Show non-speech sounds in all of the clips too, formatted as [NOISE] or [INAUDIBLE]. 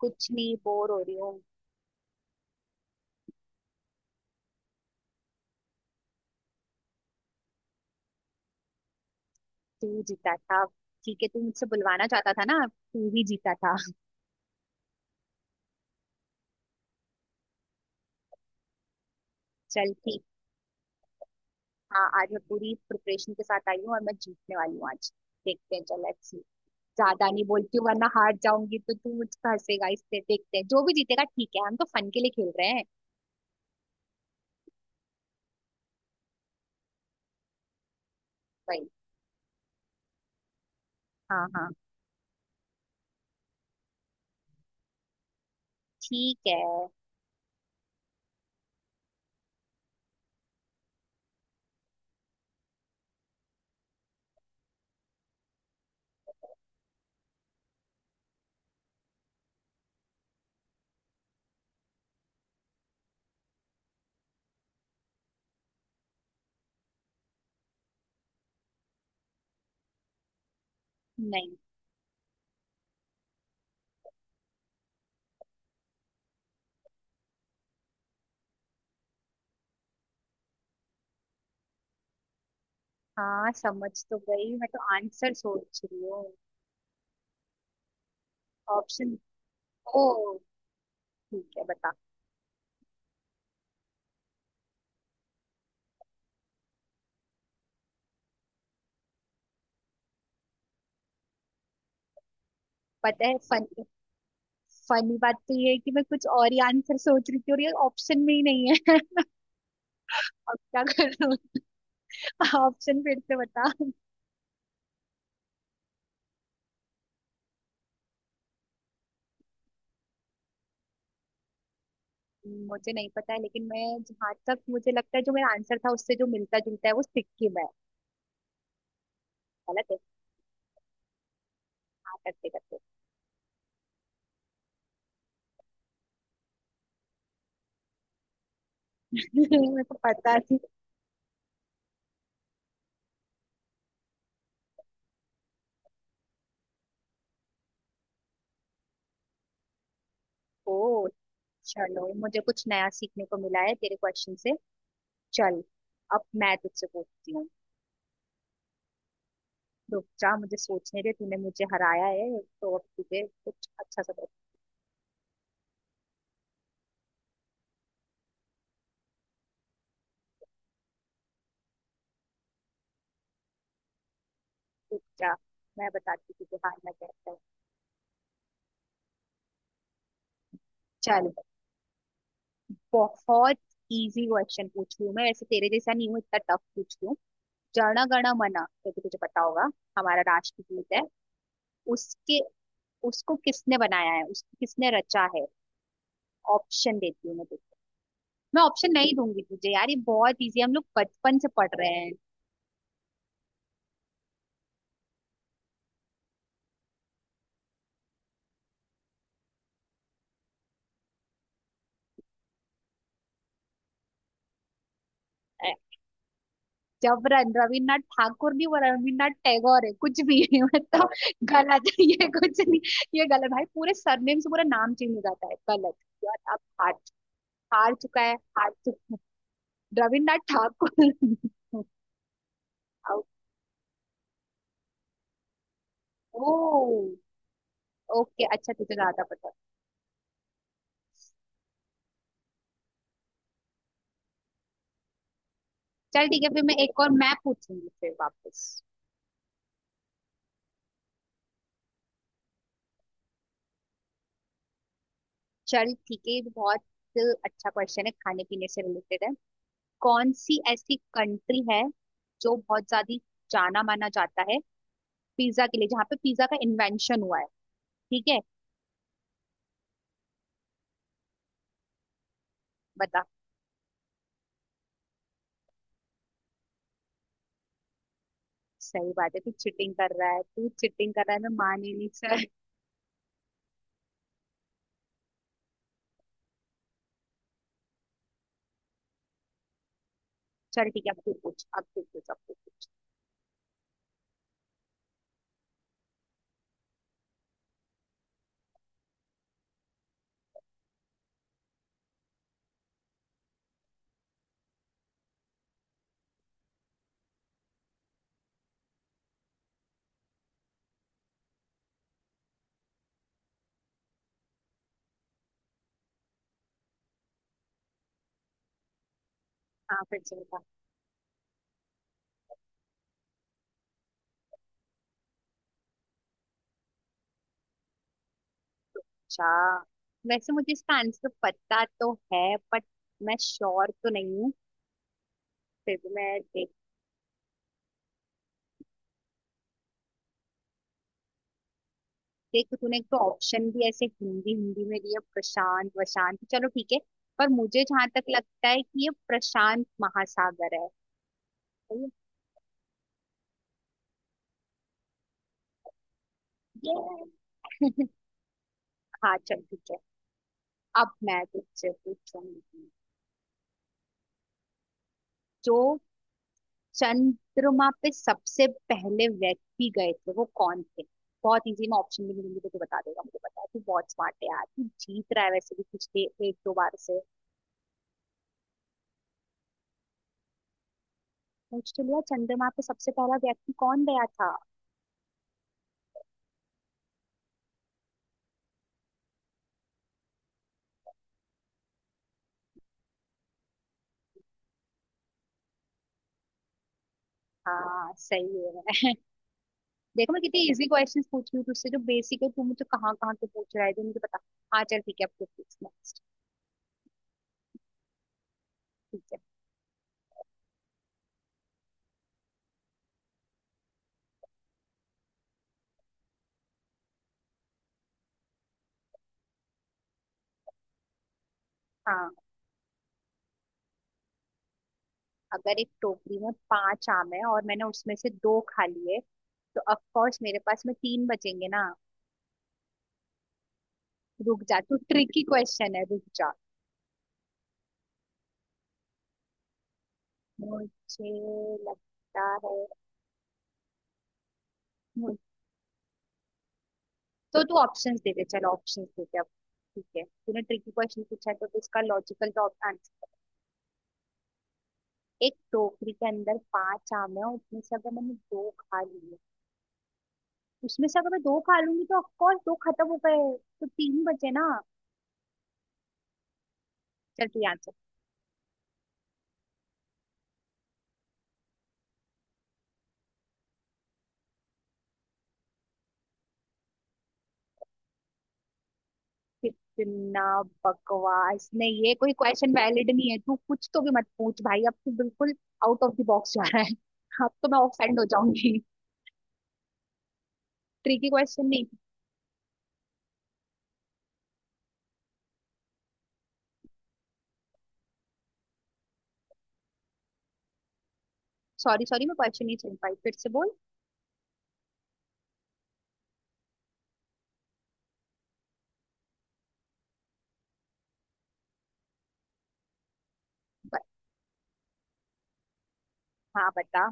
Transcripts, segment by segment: कुछ नहीं, बोर हो रही हूँ। तू जीता था। ठीक है, तू मुझसे बुलवाना चाहता था ना, तू ही जीता था। चल ठीक। हाँ, आज मैं पूरी प्रिपरेशन के साथ आई हूँ और मैं जीतने वाली हूँ आज। देखते हैं, चल लेट्स सी। ज्यादा नहीं बोलती हूँ वरना हार जाऊंगी तो तू मुझ पर हंसेगा। इससे देखते हैं जो भी जीतेगा, ठीक है, हम तो फन के लिए खेल रहे हैं। भाई। हाँ हाँ। ठीक है। नहीं। हाँ समझ तो गई, मैं तो आंसर सोच रही हूँ। ऑप्शन। ओ। ठीक है, बता। पता है फन, फनी बात तो ये है कि मैं कुछ और ही आंसर सोच रही थी और ये ऑप्शन में ही नहीं है। [LAUGHS] अब क्या करूँ। [LAUGHS] ऑप्शन फिर से बता। मुझे नहीं पता है, लेकिन मैं जहाँ तक मुझे लगता है जो मेरा आंसर था उससे जो मिलता जुलता है वो सिक्किम है। गलत है। हाँ करते करते। [LAUGHS] मेरे को पता थी। ओ। चलो, मुझे कुछ नया सीखने को मिला है तेरे क्वेश्चन से। चल, अब मैं तुझसे पूछती हूँ। रुक जा, मुझे सोचने दे। तूने मुझे हराया है तो अब तुझे कुछ अच्छा सा पूछ जा। मैं बताती हूँ तुझे हारना कैसा है। चल, बहुत इजी क्वेश्चन पूछ रही हूँ मैं, वैसे तेरे जैसा नहीं हूँ इतना टफ पूछ रही हूँ। जन गण मन, क्योंकि तुझे पता होगा, हमारा राष्ट्रगीत है। उसके, उसको किसने बनाया है, उसको किसने रचा है। ऑप्शन देती हूँ मैं तुझे। मैं ऑप्शन नहीं दूंगी तुझे यार, ये बहुत इजी है, हम लोग बचपन से पढ़ रहे हैं। ए, जब रविन्द्रनाथ ठाकुर नहीं, वो रविन्द्रनाथ टैगोर है, कुछ भी है। [LAUGHS] मतलब गलत है, ये कुछ नहीं। ये गलत भाई, पूरे सरनेम से पूरा नाम चेंज हो जाता है, गलत। यार अब हार, हार चुका है। हार। रविन्द्रनाथ ठाकुर। ओ। ओके, अच्छा, तुझे ज्यादा पता। चल ठीक है, फिर मैं एक और मैं पूछूंगी फिर वापस। चल ठीक है, ये भी बहुत अच्छा क्वेश्चन है, खाने पीने से रिलेटेड है। कौन सी ऐसी कंट्री है जो बहुत ज्यादा जाना माना जाता है पिज्जा के लिए, जहाँ पे पिज्जा का इन्वेंशन हुआ है। ठीक है, बता। सही बात है, तू चिटिंग कर रहा है, तू चिटिंग कर रहा है, मैं मानी नहीं सर। चल ठीक है, अब तू पूछ, अब तू पूछ, अब तू पूछ। हाँ, फिर से बता। अच्छा, वैसे मुझे इसका आंसर पता तो है, बट मैं श्योर तो नहीं हूँ, फिर भी मैं देख। देख, तूने एक तो ऑप्शन भी ऐसे हिंदी हिंदी में दिया, प्रशांत वशांत, चलो ठीक है। पर मुझे जहां तक लगता है कि ये प्रशांत महासागर है। तो ये- हाँ चल ठीक है। अब मैं तुझसे पूछूंगी। जो चंद्रमा पे सबसे पहले व्यक्ति गए थे वो कौन थे। बहुत इजी, मैं ऑप्शन भी नहीं दूंगी तो तू बता देगा, मुझे पता है तू बहुत स्मार्ट है यार, तू जीत रहा है वैसे भी पिछले एक दो बार से। पूछ तो लिया, चंद्रमा पे सबसे पहला व्यक्ति कौन गया था। हाँ सही है। [LAUGHS] देखो, मैं कितने इजी क्वेश्चंस पूछ रही हूँ तुझसे जो बेसिक है, तू मुझे कहाँ कहाँ के पूछ रहा है जो मुझे पता। हाँ चल ठीक है, अब तू पूछ नेक्स्ट। ठीक है। हाँ। अगर एक टोकरी में पांच आम है और मैंने उसमें से दो खा लिए तो ऑफ कोर्स मेरे पास में तीन बचेंगे ना। रुक जा, तू ट्रिकी क्वेश्चन है रुक जा। मुझे लगता है। मु- तो तू ऑप्शंस दे दे, चलो ऑप्शंस दे दे अब। ठीक है, तूने ट्रिकी क्वेश्चन पूछा है, तो इसका लॉजिकल आंसर। एक टोकरी के अंदर पांच आम है, उसमें से अगर मैंने दो खा लिए, उसमें से अगर मैं दो खा लूंगी तो ऑफकोर्स दो खत्म हो गए, तो तीन बचे ना। चल तू आंसर। कितना बकवास, नहीं ये कोई क्वेश्चन वैलिड नहीं है, तू कुछ तो भी मत पूछ भाई, अब तू बिल्कुल आउट ऑफ द बॉक्स जा रहा है। अब तो मैं ऑफेंड हो जाऊंगी। ट्रिकी क्वेश्चन नहीं। सॉरी सॉरी, मैं क्वेश्चन नहीं सुन पाई, फिर से बोल। ब- हाँ बता।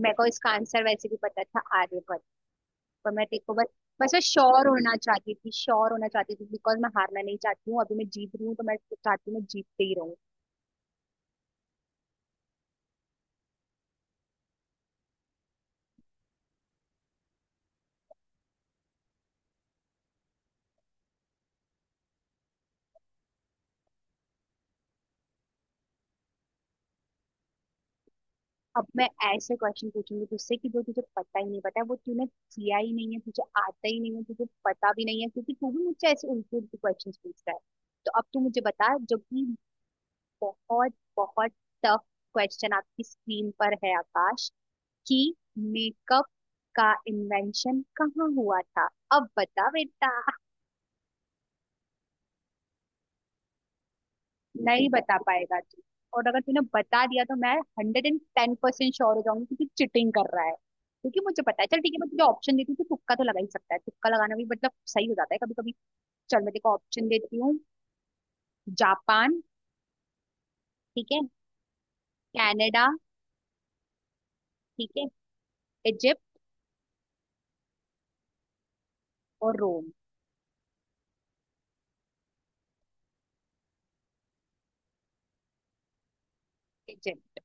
मेरे को इसका आंसर वैसे भी पता था, आर्यभट्ट। पर मैं तेरे को बस, बस मैं श्योर होना चाहती थी, श्योर होना चाहती थी बिकॉज मैं हारना नहीं चाहती हूँ, अभी मैं जीत रही हूँ तो मैं चाहती हूँ मैं जीतते ही रहूँ। अब मैं ऐसे क्वेश्चन पूछूंगी तुझसे कि जो तुझे पता ही नहीं पता है, वो तूने किया ही नहीं है, तुझे आता ही नहीं है, तुझे पता भी नहीं है, क्योंकि तू भी मुझसे ऐसे उल्टे उल्टे क्वेश्चन पूछ रहा है। तो अब तू मुझे बता जो कि बहुत बहुत टफ क्वेश्चन, आपकी स्क्रीन पर है आकाश, कि मेकअप का इन्वेंशन कहाँ हुआ था। अब बता बेटा। नहीं [LAUGHS] बता पाएगा तू? और अगर तूने बता दिया तो मैं 110% श्योर हो जाऊंगी कि तू चिटिंग कर रहा है, क्योंकि मुझे पता है। चल ठीक है, मैं तुझे ऑप्शन देती हूँ, तू तुक्का तो लगा ही सकता है, तुक्का लगाना भी मतलब सही हो जाता है कभी कभी। चल मैं देखो ऑप्शन देती हूँ। जापान। ठीक है। कनाडा। ठीक है। इजिप्ट और रोम। इजिप्ट।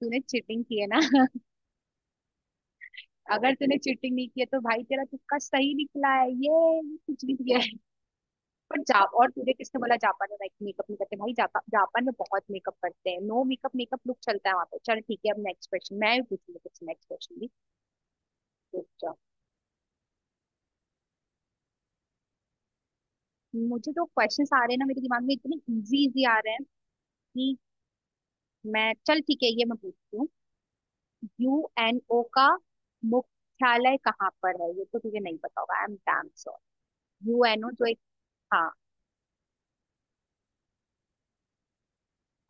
तूने चीटिंग की है ना। [LAUGHS] अगर तूने चीटिंग नहीं की है तो भाई तेरा तुक्का सही निकला है, ये कुछ नहीं किया है। पर जा, और तुझे किसने बोला जापान में मेकअप नहीं करते भाई, जापान में बहुत मेकअप करते हैं, नो मेकअप मेकअप लुक चलता है वहां पे। चल ठीक है, अब नेक्स्ट क्वेश्चन मैं भी पूछूंगी कुछ, नेक्स्ट क्वेश्चन भी। रुक जाओ, मुझे जो क्वेश्चन आ रहे हैं ना मेरे दिमाग में, इतने इजी इजी आ रहे हैं कि मैं, चल ठीक है ये मैं पूछती हूँ। यूएनओ का मुख्यालय कहाँ पर है? ये तो तुझे नहीं पता होगा, I am damn sure. UNO जो एक। हाँ।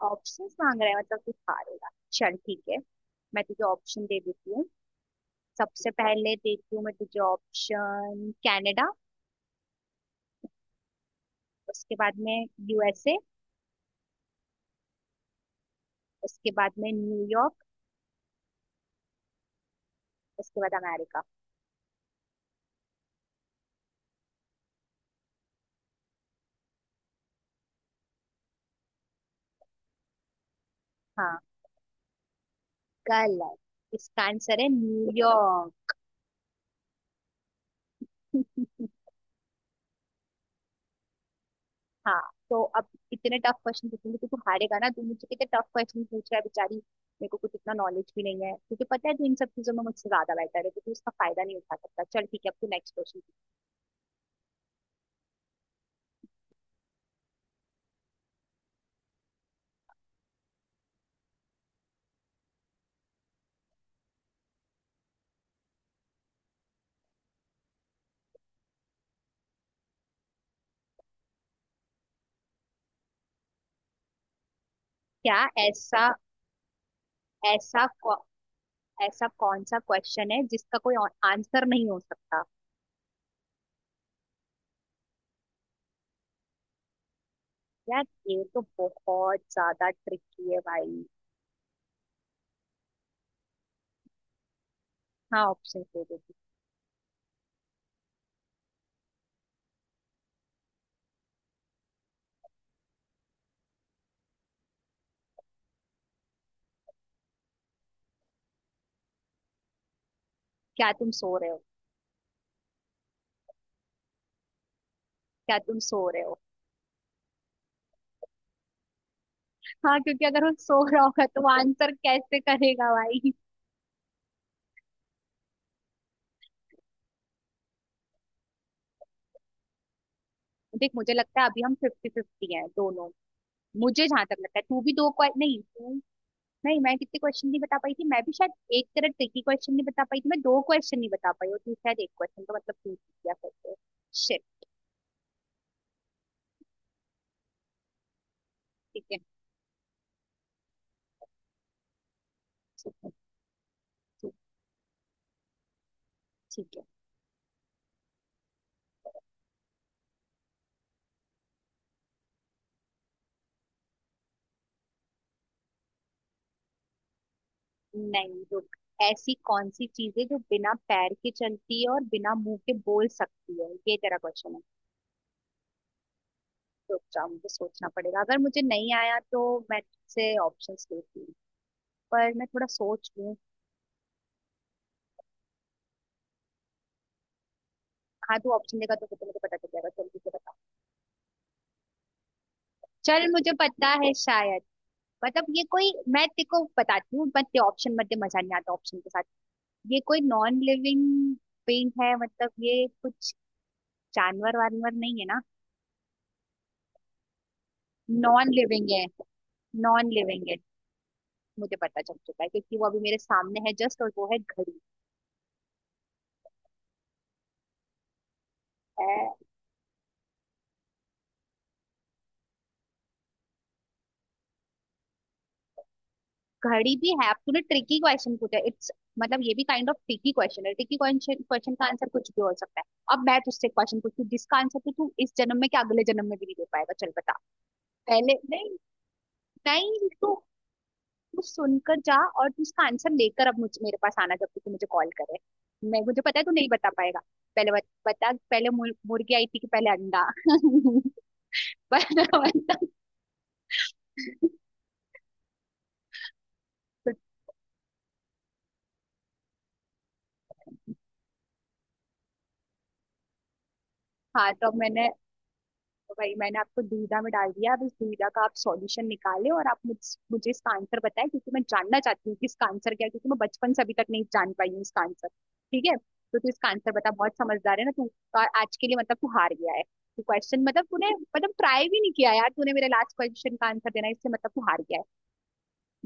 ऑप्शंस मांग रहा है मतलब तू हारेगा, चल ठीक है, मैं तुझे ऑप्शन दे देती हूँ। सबसे पहले देती हूँ मैं तुझे ऑप्शन कनाडा। उसके बाद में यूएसए। उसके बाद में न्यूयॉर्क। उसके बाद अमेरिका। हाँ गलत। इसका आंसर है न्यूयॉर्क। [LAUGHS] हाँ, तो अब इतने टफ क्वेश्चन पूछूंगी तो तू तो हारेगा ना, तू मुझसे कितने टफ क्वेश्चन पूछ रहा है, बेचारी मेरे को कुछ इतना नॉलेज भी नहीं है, तुझे पता है तू इन सब चीजों में मुझसे ज्यादा बेटर है, तो तू इसका फायदा नहीं उठा सकता। चल ठीक है, अब तू नेक्स्ट क्वेश्चन। क्या ऐसा? ऐसा कौ, ऐसा कौन सा क्वेश्चन है जिसका कोई आंसर नहीं हो सकता? यार, ये तो बहुत ज्यादा ट्रिकी है भाई। हाँ, ऑप्शन दे देती। क्या तुम सो रहे हो। क्या तुम सो रहे हो। हाँ, क्योंकि अगर वो सो रहा होगा तो वो आंसर कैसे करेगा भाई। देख, मुझे लगता है अभी हम फिफ्टी फिफ्टी हैं दोनों। मुझे जहां तक लगता है तू भी दो नहीं तू, नहीं मैं कितने क्वेश्चन नहीं बता पाई थी, मैं भी शायद एक तरह ट्रिकी क्वेश्चन नहीं बता पाई थी, मैं दो क्वेश्चन नहीं बता पाई, और तू शायद एक क्वेश्चन, तो मतलब तू जीत गया फिर तो। शिट। ठीक है। तो ठीक है। नहीं रुक। ऐसी कौन सी चीज है जो बिना पैर के चलती है और बिना मुंह के बोल सकती है, ये तेरा क्वेश्चन है? रुक जाओ, मुझे सोचना पड़ेगा, अगर मुझे नहीं आया तो मैं तुझसे ऑप्शंस लेती हूँ, पर मैं थोड़ा सोच लूँ। हाँ तू ऑप्शन देगा तो फिर तो मुझे पता चल जाएगा, जल्दी से बता। चल, मुझे पता है शायद, मतलब ये कोई, मैं तेरे को बताती हूँ, मत ऑप्शन मत दे, मजा नहीं आता ऑप्शन के साथ। ये कोई नॉन लिविंग पेंट है मतलब, ये कुछ जानवर वानवर नहीं है ना? नॉन लिविंग है। Non living it. मुझे पता चल चुका है क्योंकि वो अभी मेरे सामने है जस्ट, और वो है घड़ी। अ, घड़ी भी है। अब तूने ट्रिकी क्वेश्चन पूछा, इट्स मतलब ये भी काइंड ऑफ ट्रिकी क्वेश्चन है, ट्रिकी क्वेश्चन क्वेश्चन का आंसर कुछ भी हो सकता है। अब मैं तुझसे क्वेश्चन पूछती हूँ जिसका आंसर तो तू इस जन्म में क्या अगले जन्म में भी नहीं दे पाएगा, चल बता। पहले नहीं। नहीं तू, तू सुनकर जा, और तू इसका आंसर लेकर अब मुझ मेरे पास आना जब तू मुझे कॉल करे। मैं मुझे पता है तू नहीं बता पाएगा। बता पहले मुर्गी आई थी कि पहले अंडा? [LAUGHS] बता बता। तो हाँ, तो अब मैंने, वही मैंने आपको दुविधा में डाल दिया, अब इस दुविधा का आप सॉल्यूशन निकालें और आप मुझे इसका आंसर बताएं, क्योंकि मैं जानना चाहती हूँ कि इसका आंसर क्या है, क्योंकि मैं बचपन से अभी तक नहीं जान पाई हूँ इसका आंसर। ठीक है, तो तू इसका आंसर बता, बहुत समझदार है ना तू। और आज के लिए मतलब तू हार गया है। तू क्वेश्चन मतलब तूने, मतलब ट्राई भी नहीं किया यार, तूने मेरे लास्ट क्वेश्चन का आंसर देना है, इससे मतलब तू हार गया है।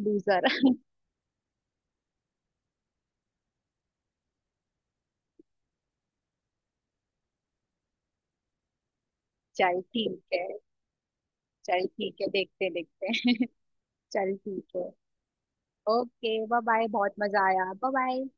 लूजर। [LAUGHS] चल ठीक है। चल ठीक है, देखते हैं, देखते हैं। [LAUGHS] चल ठीक है। ओके बाय बाय, बहुत मजा आया, बाय बाय।